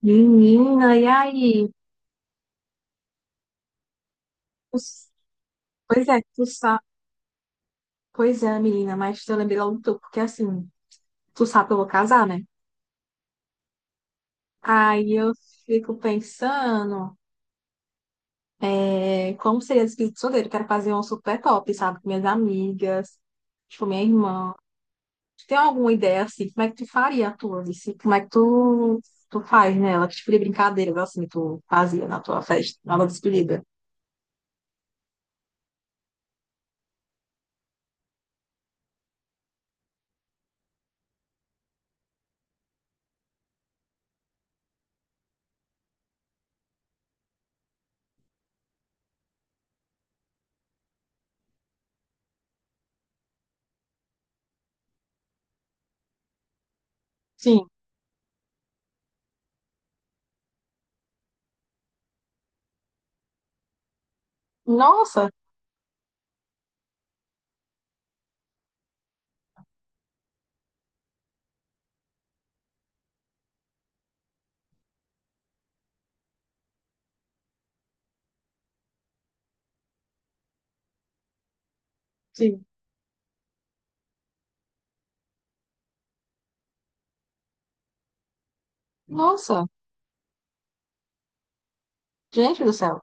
Menina, e aí? Tu s- Pois é, tu sabe. Pois é, menina, mas eu lembrei logo tu, porque assim, tu sabe que eu vou casar, né? Aí eu fico pensando, é, como seria esse espírito solteiro? Quero fazer um super top, sabe? Com minhas amigas, tipo, minha irmã. Tu tem alguma ideia, assim, como é que tu faria a tua, assim? Como é que tu faz nela? Que tipo de brincadeiras, assim, tu fazia na tua festa, na tua despedida? Sim. Nossa! Sim. Nossa! Gente do céu!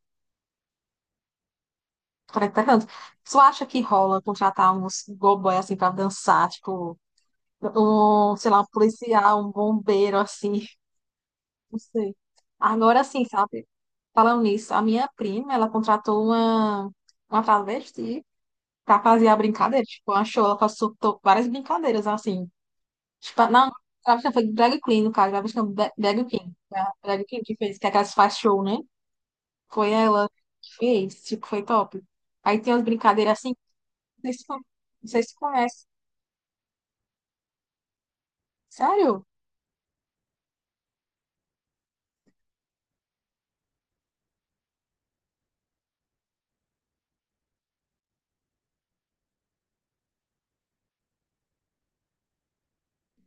Caracterizando. Tu acha que rola contratar uns gogoy assim pra dançar? Tipo, um, sei lá, um policial, um bombeiro assim, não sei. Agora sim, sabe? Falando nisso, a minha prima, ela contratou uma travesti pra fazer a brincadeira. Tipo, achou, ela consultou várias brincadeiras assim. Tipo, não, travesti não, foi drag queen, no caso, travesti não, drag queen. Foi a drag queen que fez, que é aquelas que faz show, né? Foi ela que fez, tipo, foi top. Aí tem umas brincadeiras assim. Vocês, con- vocês se conhecem. Sério?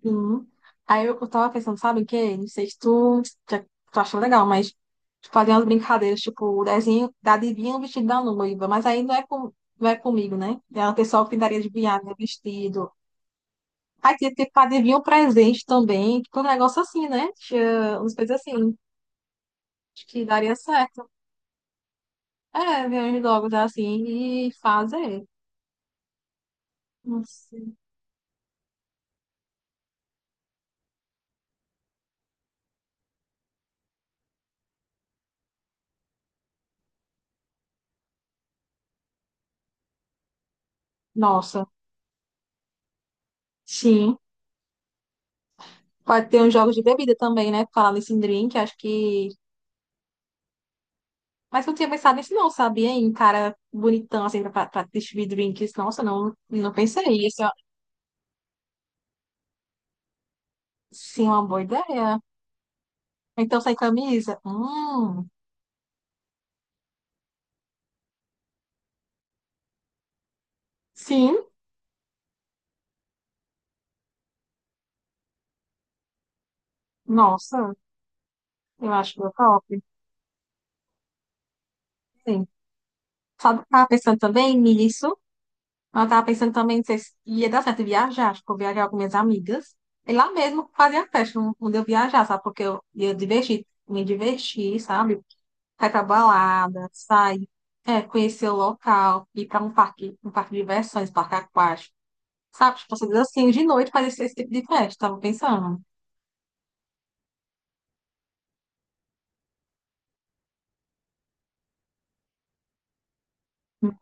Uhum. Aí eu tava pensando, sabe o quê? Não sei se já- tu achou legal, mas tipo, fazer umas brincadeiras, tipo, o desenho da adivinha o vestido da noiva. Mas aí não é comigo, né? É o pessoal que daria de viagem, né, vestido. Aí tinha ter que adivinhar o presente também. Tipo, um negócio assim, né? Tinha umas coisas assim. Acho que daria certo. É, ver uns jogos assim e fazer. Não sei. Nossa, sim. Pode ter uns jogos de bebida também, né? Falando nesse drink, acho que. Mas eu não tinha pensado nisso, não, sabia? Em cara bonitão, assim, pra distribuir drinks. Nossa, não, não pensei. Isso é, sim, uma boa ideia. Então, sem camisa? Sim. Nossa, eu acho que é top. Sim. Sabe o que eu tava pensando também nisso? Eu tava pensando também, não sei se ia dar certo viajar. Acho que eu vou viajar com minhas amigas. E lá mesmo fazer a festa, onde eu viajar, sabe? Porque eu ia divertir, me divertir, sabe? Vai pra balada, sair, é, conhecer o local, ir pra um parque de diversões, parque aquático. Sabe, tipo, você assim, de noite fazer esse tipo de festa, tava pensando.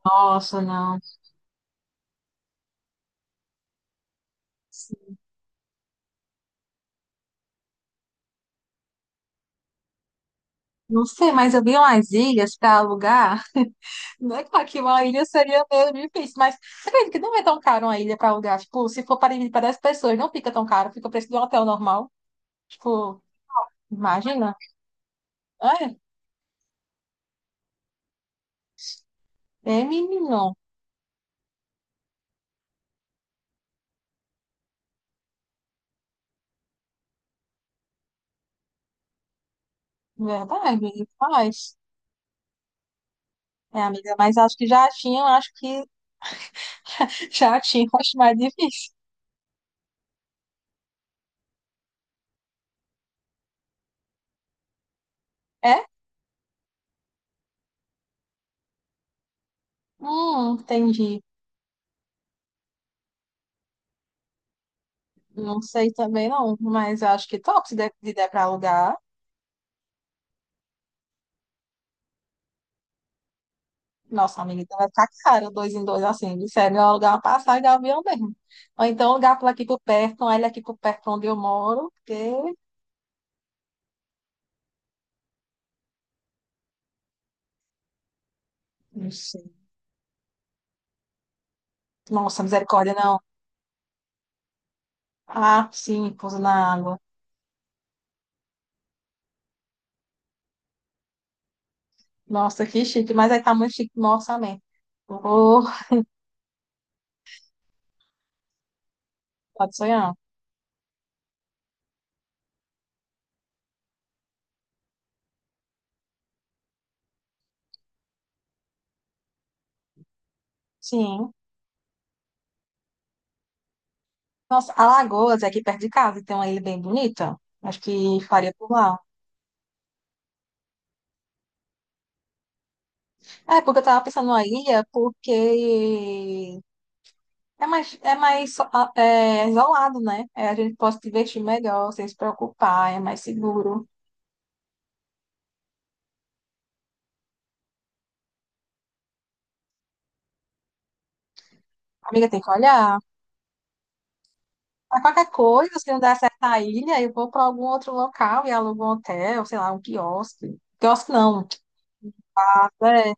Nossa, não. Não sei, mas eu vi umas ilhas pra alugar. Não é claro que uma ilha seria meio difícil, mas você acredita que não é tão caro uma ilha pra alugar? Tipo, se for para dividir para 10 pessoas, não fica tão caro, fica o preço de um hotel normal. Tipo, imagina. É, é menino. Verdade, faz. É, amiga, mas acho que já tinham, acho que. Chatinho, acho mais difícil. É? Entendi. Não sei também não, mas eu acho que top se der pra alugar. Nossa, amiga, então vai ficar caro, dois em dois, assim, de sério, eu alugar uma passagem de avião mesmo. Ou então alugar por aqui por perto, uma ilha aqui por perto onde eu moro, porque... Não sei. Nossa, misericórdia, não. Ah, sim, pouso na água. Nossa, que chique, mas aí tá muito chique no orçamento. Oh, pode sonhar. Sim. Nossa, Alagoas é aqui perto de casa, e tem uma ilha bem bonita. Acho que faria por lá. É, porque eu tava pensando na ilha, porque é mais isolado, né? É, a gente pode se divertir melhor, sem se preocupar, é mais seguro. Amiga, tem que olhar. Mas qualquer coisa, se não der certo na ilha, eu vou para algum outro local e alugo um hotel, sei lá, um quiosque. Quiosque não, um café,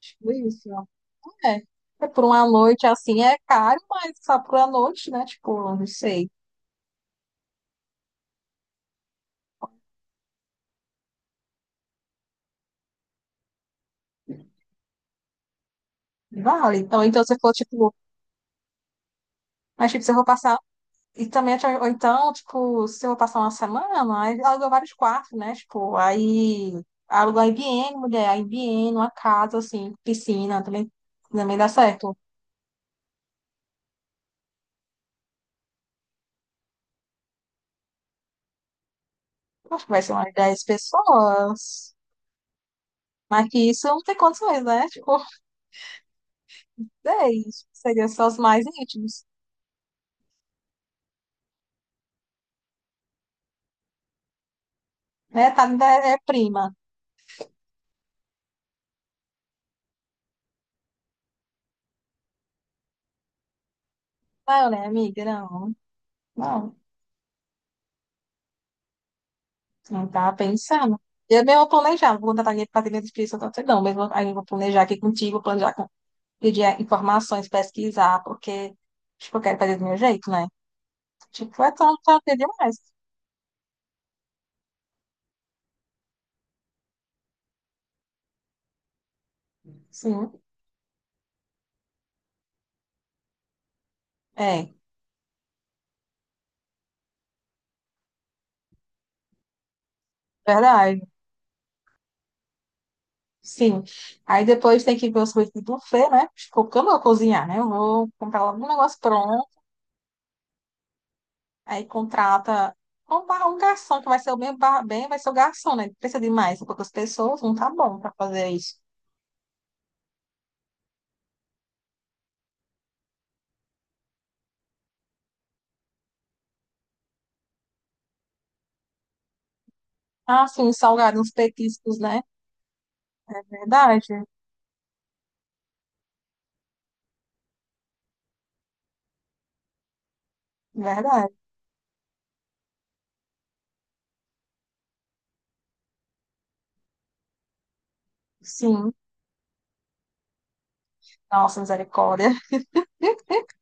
tipo isso. É, é por uma noite assim, é caro, mas só por uma noite, né? Tipo, não sei. Vale. Então se for, tipo, mas tipo, se eu vou passar. E também, tipo, ou então, tipo, se eu vou passar uma semana, aí aluga vários quartos, né? Tipo, aí aluga IBM, mulher, IBM, uma casa, assim, piscina, também dá certo. Acho que vai ser umas 10 pessoas. Mas que isso não tem condições, né? Tipo, 10 seria só os mais íntimos, né? Tá, né? É prima. Não, né, amiga? Não, não, não tava pensando. Eu mesmo vou planejar, vou contratar minha patrinha de espírito, não, mesmo aí eu vou planejar aqui contigo, planejar com pedir informações, pesquisar, porque, tipo, eu quero fazer do meu jeito, né? Tipo, é tão chato demais. Sim, é, verdade. Sim. Aí depois tem que ver os coisas do buffet, né? Tipo, porque eu não vou cozinhar, né? Eu vou comprar algum negócio pronto, aí contrata um garçom, que vai ser o mesmo vai ser o garçom, né? Precisa de mais, poucas pessoas, não tá bom pra fazer isso. Ah, sim, salgado, uns petiscos, né? É verdade, é verdade. Sim. Nossa, misericórdia.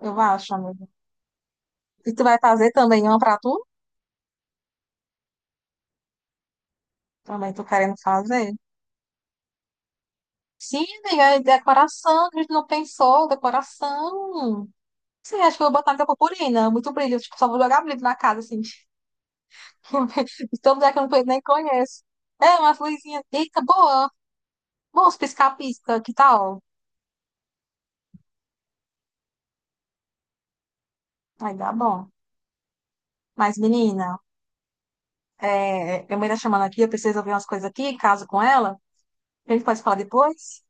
Eu acho, amigo. E tu vai fazer também uma pra tu? Também tô querendo fazer? Sim, amiga, é decoração, a gente não pensou, decoração. Sim, acho que eu vou botar muita purpurina, muito brilho, tipo, só vou jogar brilho na casa, assim. De todo lugar que eu não nem conheço. É, umas luzinhas, eita, boa. Bons piscar-pisca, que tal? Aí dá bom. Mas, menina, minha mãe tá chamando aqui, eu preciso ouvir umas coisas aqui, caso com ela. A gente pode falar depois?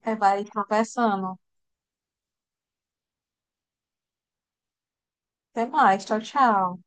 É, vai conversando. Até mais, tchau, tchau.